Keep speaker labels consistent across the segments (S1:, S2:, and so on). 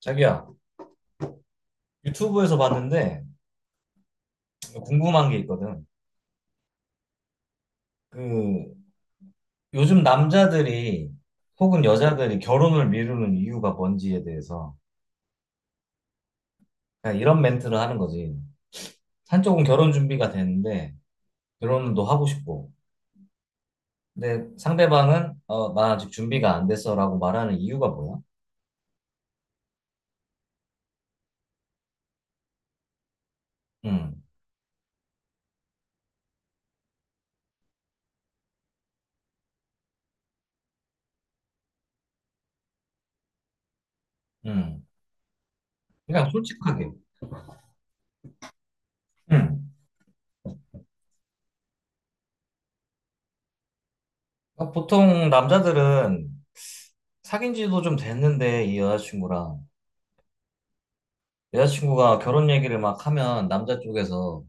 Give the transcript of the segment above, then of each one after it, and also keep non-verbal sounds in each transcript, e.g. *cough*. S1: 자기야, 유튜브에서 봤는데 궁금한 게 있거든. 그 요즘 남자들이 혹은 여자들이 결혼을 미루는 이유가 뭔지에 대해서 그냥 이런 멘트를 하는 거지. 한쪽은 결혼 준비가 됐는데 결혼도 하고 싶고, 근데 상대방은 나 아직 준비가 안 됐어라고 말하는 이유가 뭐야? 응, 응. 그냥 솔직하게. 응. 그러니까 보통 남자들은 사귄 지도 좀 됐는데 이 여자친구랑 여자친구가 결혼 얘기를 막 하면 남자 쪽에서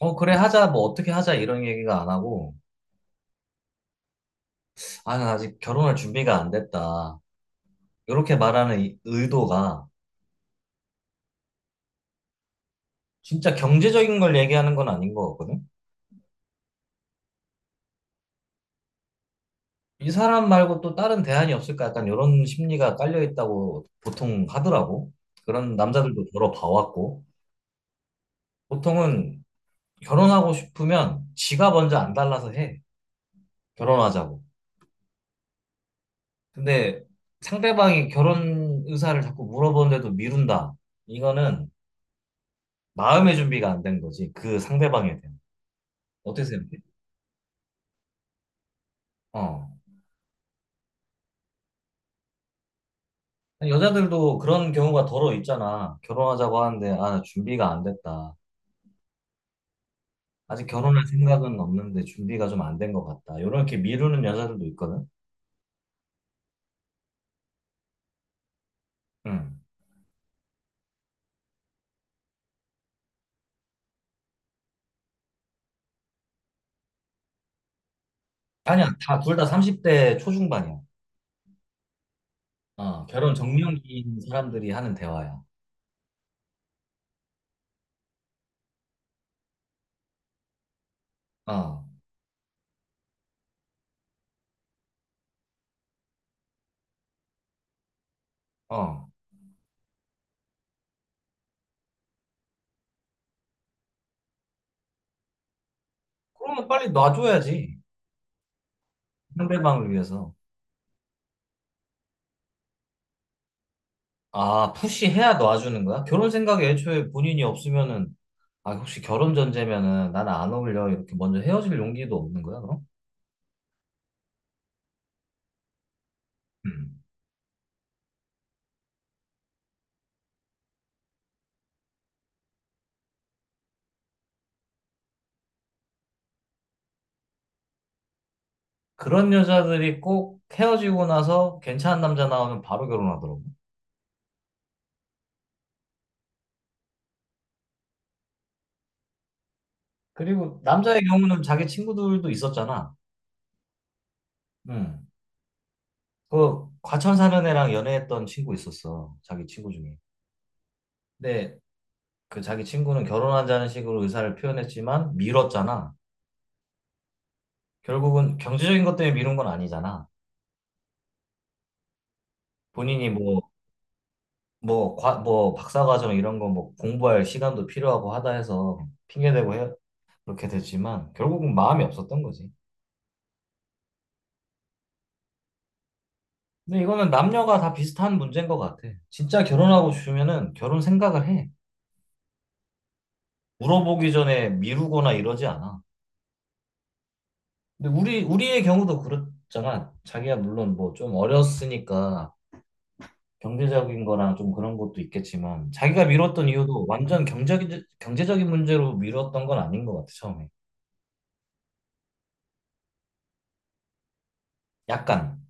S1: 어, 그래, 하자, 뭐, 어떻게 하자, 이런 얘기가 안 하고, 아, 난 아직 결혼할 준비가 안 됐다. 이렇게 말하는 이 의도가 진짜 경제적인 걸 얘기하는 건 아닌 것 같거든? 이 사람 말고 또 다른 대안이 없을까? 약간 이런 심리가 깔려 있다고 보통 하더라고. 그런 남자들도 여러 봐왔고, 보통은 결혼하고 싶으면 지가 먼저 안 달라서 해. 결혼하자고. 근데 상대방이 결혼 의사를 자꾸 물어보는데도 미룬다. 이거는 마음의 준비가 안 된 거지. 그 상대방에 대한. 어떻게 생각해? 어. 여자들도 그런 경우가 더러 있잖아. 결혼하자고 하는데, 아, 준비가 안 됐다. 아직 결혼할 생각은 없는데 준비가 좀 안 된 것 같다. 이렇게 미루는 여자들도 있거든. 응. 아니야, 다, 둘 다 30대 초중반이야. 어, 결혼 적령기인 사람들이 하는 대화야. 어, 어. 그러면 빨리 놔줘야지. 상대방을 위해서. 아, 푸시해야 놔주는 거야? 결혼 생각이 애초에 본인이 없으면은 아, 혹시 결혼 전제면은 나는 안 어울려 이렇게 먼저 헤어질 용기도 없는 거야, 그럼? 음. 그런 여자들이 꼭 헤어지고 나서 괜찮은 남자 나오면 바로 결혼하더라고. 그리고 남자의 경우는 자기 친구들도 있었잖아. 음. 그 과천 사는 애랑 연애했던 친구 있었어. 자기 친구 중에. 근데 그 자기 친구는 결혼하자는 식으로 의사를 표현했지만 미뤘잖아. 결국은 경제적인 것 때문에 미룬 건 아니잖아. 본인이 뭐 뭐, 과, 뭐, 박사과정 이런 거 뭐 공부할 시간도 필요하고 하다 해서 핑계대고 해, 그렇게 됐지만 결국은 마음이 없었던 거지. 근데 이거는 남녀가 다 비슷한 문제인 것 같아. 진짜 결혼하고 싶으면은 결혼 생각을 해. 물어보기 전에 미루거나 이러지 않아. 근데 우리의 경우도 그렇잖아. 자기가 물론 뭐 좀 어렸으니까 경제적인 거랑 좀 그런 것도 있겠지만 자기가 미뤘던 이유도 완전 경제적인 문제로 미뤘던 건 아닌 것 같아, 처음에. 약간,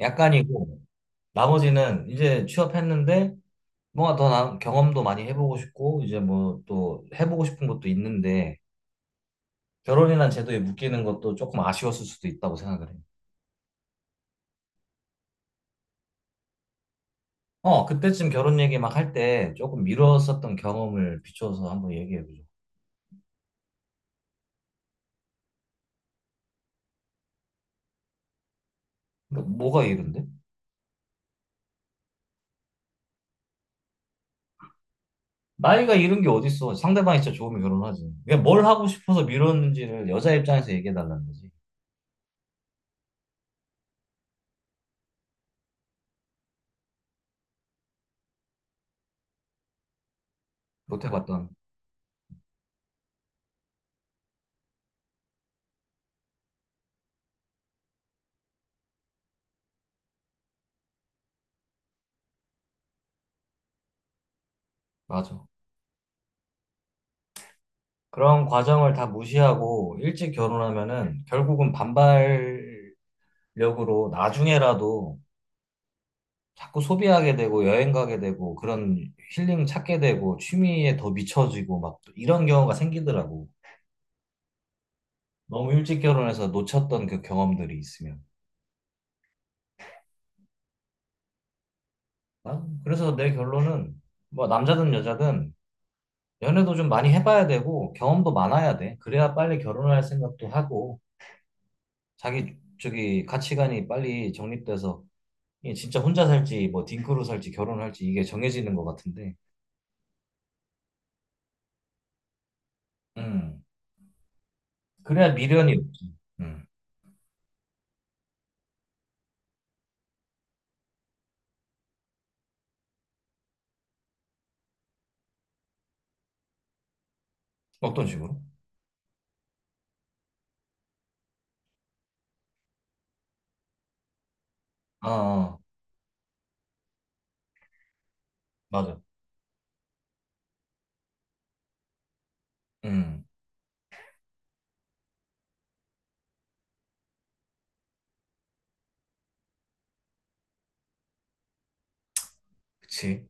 S1: 약간이고. 나머지는 이제 취업했는데 뭔가 더 경험도 많이 해보고 싶고 이제 뭐 또 해보고 싶은 것도 있는데 결혼이란 제도에 묶이는 것도 조금 아쉬웠을 수도 있다고 생각을 해요. 어, 그때쯤 결혼 얘기 막 할 때 조금 미뤘었던 경험을 비춰서 한번 얘기해보죠. 그러니까 뭐가 이른데? 나이가 이른 게 어딨어. 상대방이 진짜 좋으면 결혼하지. 그냥 뭘 하고 싶어서 미뤘는지를 여자 입장에서 얘기해달라는 거지. 못해봤던, 맞아. 그런 과정을 다 무시하고 일찍 결혼하면은 결국은 반발 력으로 나중에라도 자꾸 소비하게 되고 여행 가게 되고 그런 힐링 찾게 되고 취미에 더 미쳐지고 막 이런 경우가 생기더라고. 너무 일찍 결혼해서 놓쳤던 그 경험들이 있으면. 아, 그래서 내 결론은 뭐 남자든 여자든 연애도 좀 많이 해봐야 되고 경험도 많아야 돼. 그래야 빨리 결혼할 생각도 하고 자기 저기 가치관이 빨리 정립돼서 이게 진짜 혼자 살지 뭐 딩크로 살지 결혼할지 이게 정해지는 것 같은데. 음. 그래야 미련이 없지. 음. 어떤 식으로? 아, 아, 맞아. 음, 그치.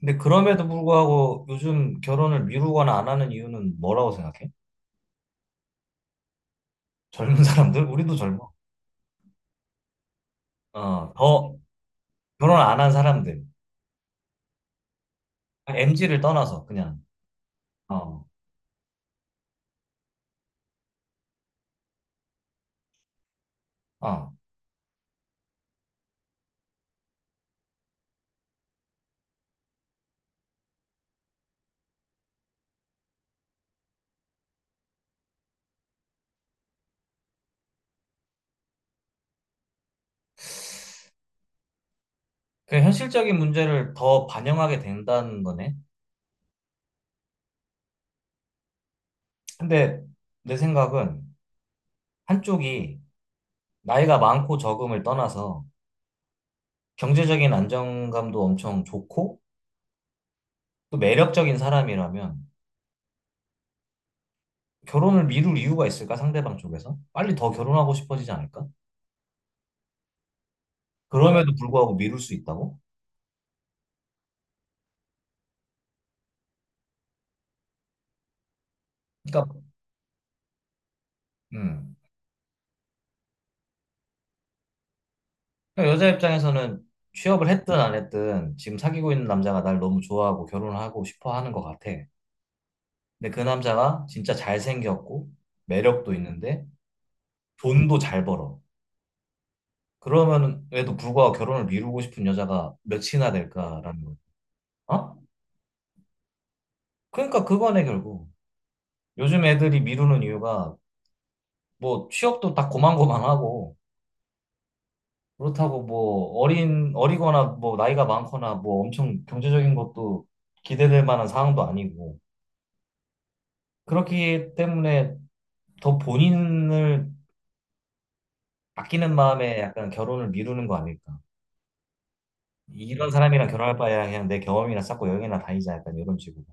S1: 근데 그럼에도 불구하고 요즘 결혼을 미루거나 안 하는 이유는 뭐라고 생각해? 젊은 *laughs* 사람들? 우리도 젊어. 어, 더 결혼 안 한 사람들. MZ를 떠나서 그냥. 어, 어. 그 현실적인 문제를 더 반영하게 된다는 거네. 근데 내 생각은 한쪽이 나이가 많고 적음을 떠나서 경제적인 안정감도 엄청 좋고 또 매력적인 사람이라면 결혼을 미룰 이유가 있을까? 상대방 쪽에서? 빨리 더 결혼하고 싶어지지 않을까? 그럼에도 불구하고 미룰 수 있다고? 그러니까, 음. 그러니까 여자 입장에서는 취업을 했든 안 했든 지금 사귀고 있는 남자가 날 너무 좋아하고 결혼하고 싶어 하는 것 같아. 근데 그 남자가 진짜 잘생겼고 매력도 있는데 돈도 잘 벌어. 그러면은 에도 불구하고 결혼을 미루고 싶은 여자가 몇이나 될까라는 거. 어? 그러니까 그거네 결국. 요즘 애들이 미루는 이유가 뭐 취업도 다 고만고만하고 그렇다고 뭐 어린 어리거나 뭐 나이가 많거나 뭐 엄청 경제적인 것도 기대될 만한 상황도 아니고 그렇기 때문에 더 본인을 아끼는 마음에 약간 결혼을 미루는 거 아닐까? 이런 사람이랑 결혼할 바에야 그냥 내 경험이나 쌓고 여행이나 다니자 약간 이런 식으로.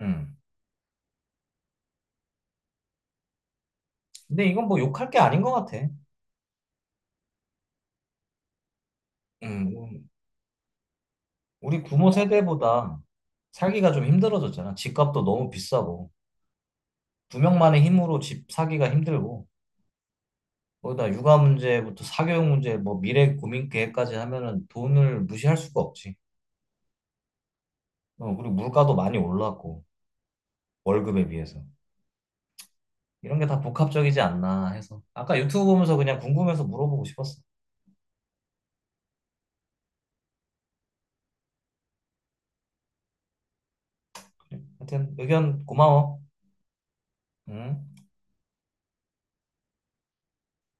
S1: 음. 근데 이건 뭐 욕할 게 아닌 것 같아. 음. 우리 부모 세대보다 살기가 좀 힘들어졌잖아. 집값도 너무 비싸고 두 명만의 힘으로 집 사기가 힘들고. 거기다 육아 문제부터 사교육 문제, 뭐 미래 고민 계획까지 하면은 돈을 무시할 수가 없지. 어, 그리고 물가도 많이 올랐고, 월급에 비해서. 이런 게 다 복합적이지 않나 해서. 아까 유튜브 보면서 그냥 궁금해서 물어보고 싶었어. 그래. 하여튼 의견 고마워. 응?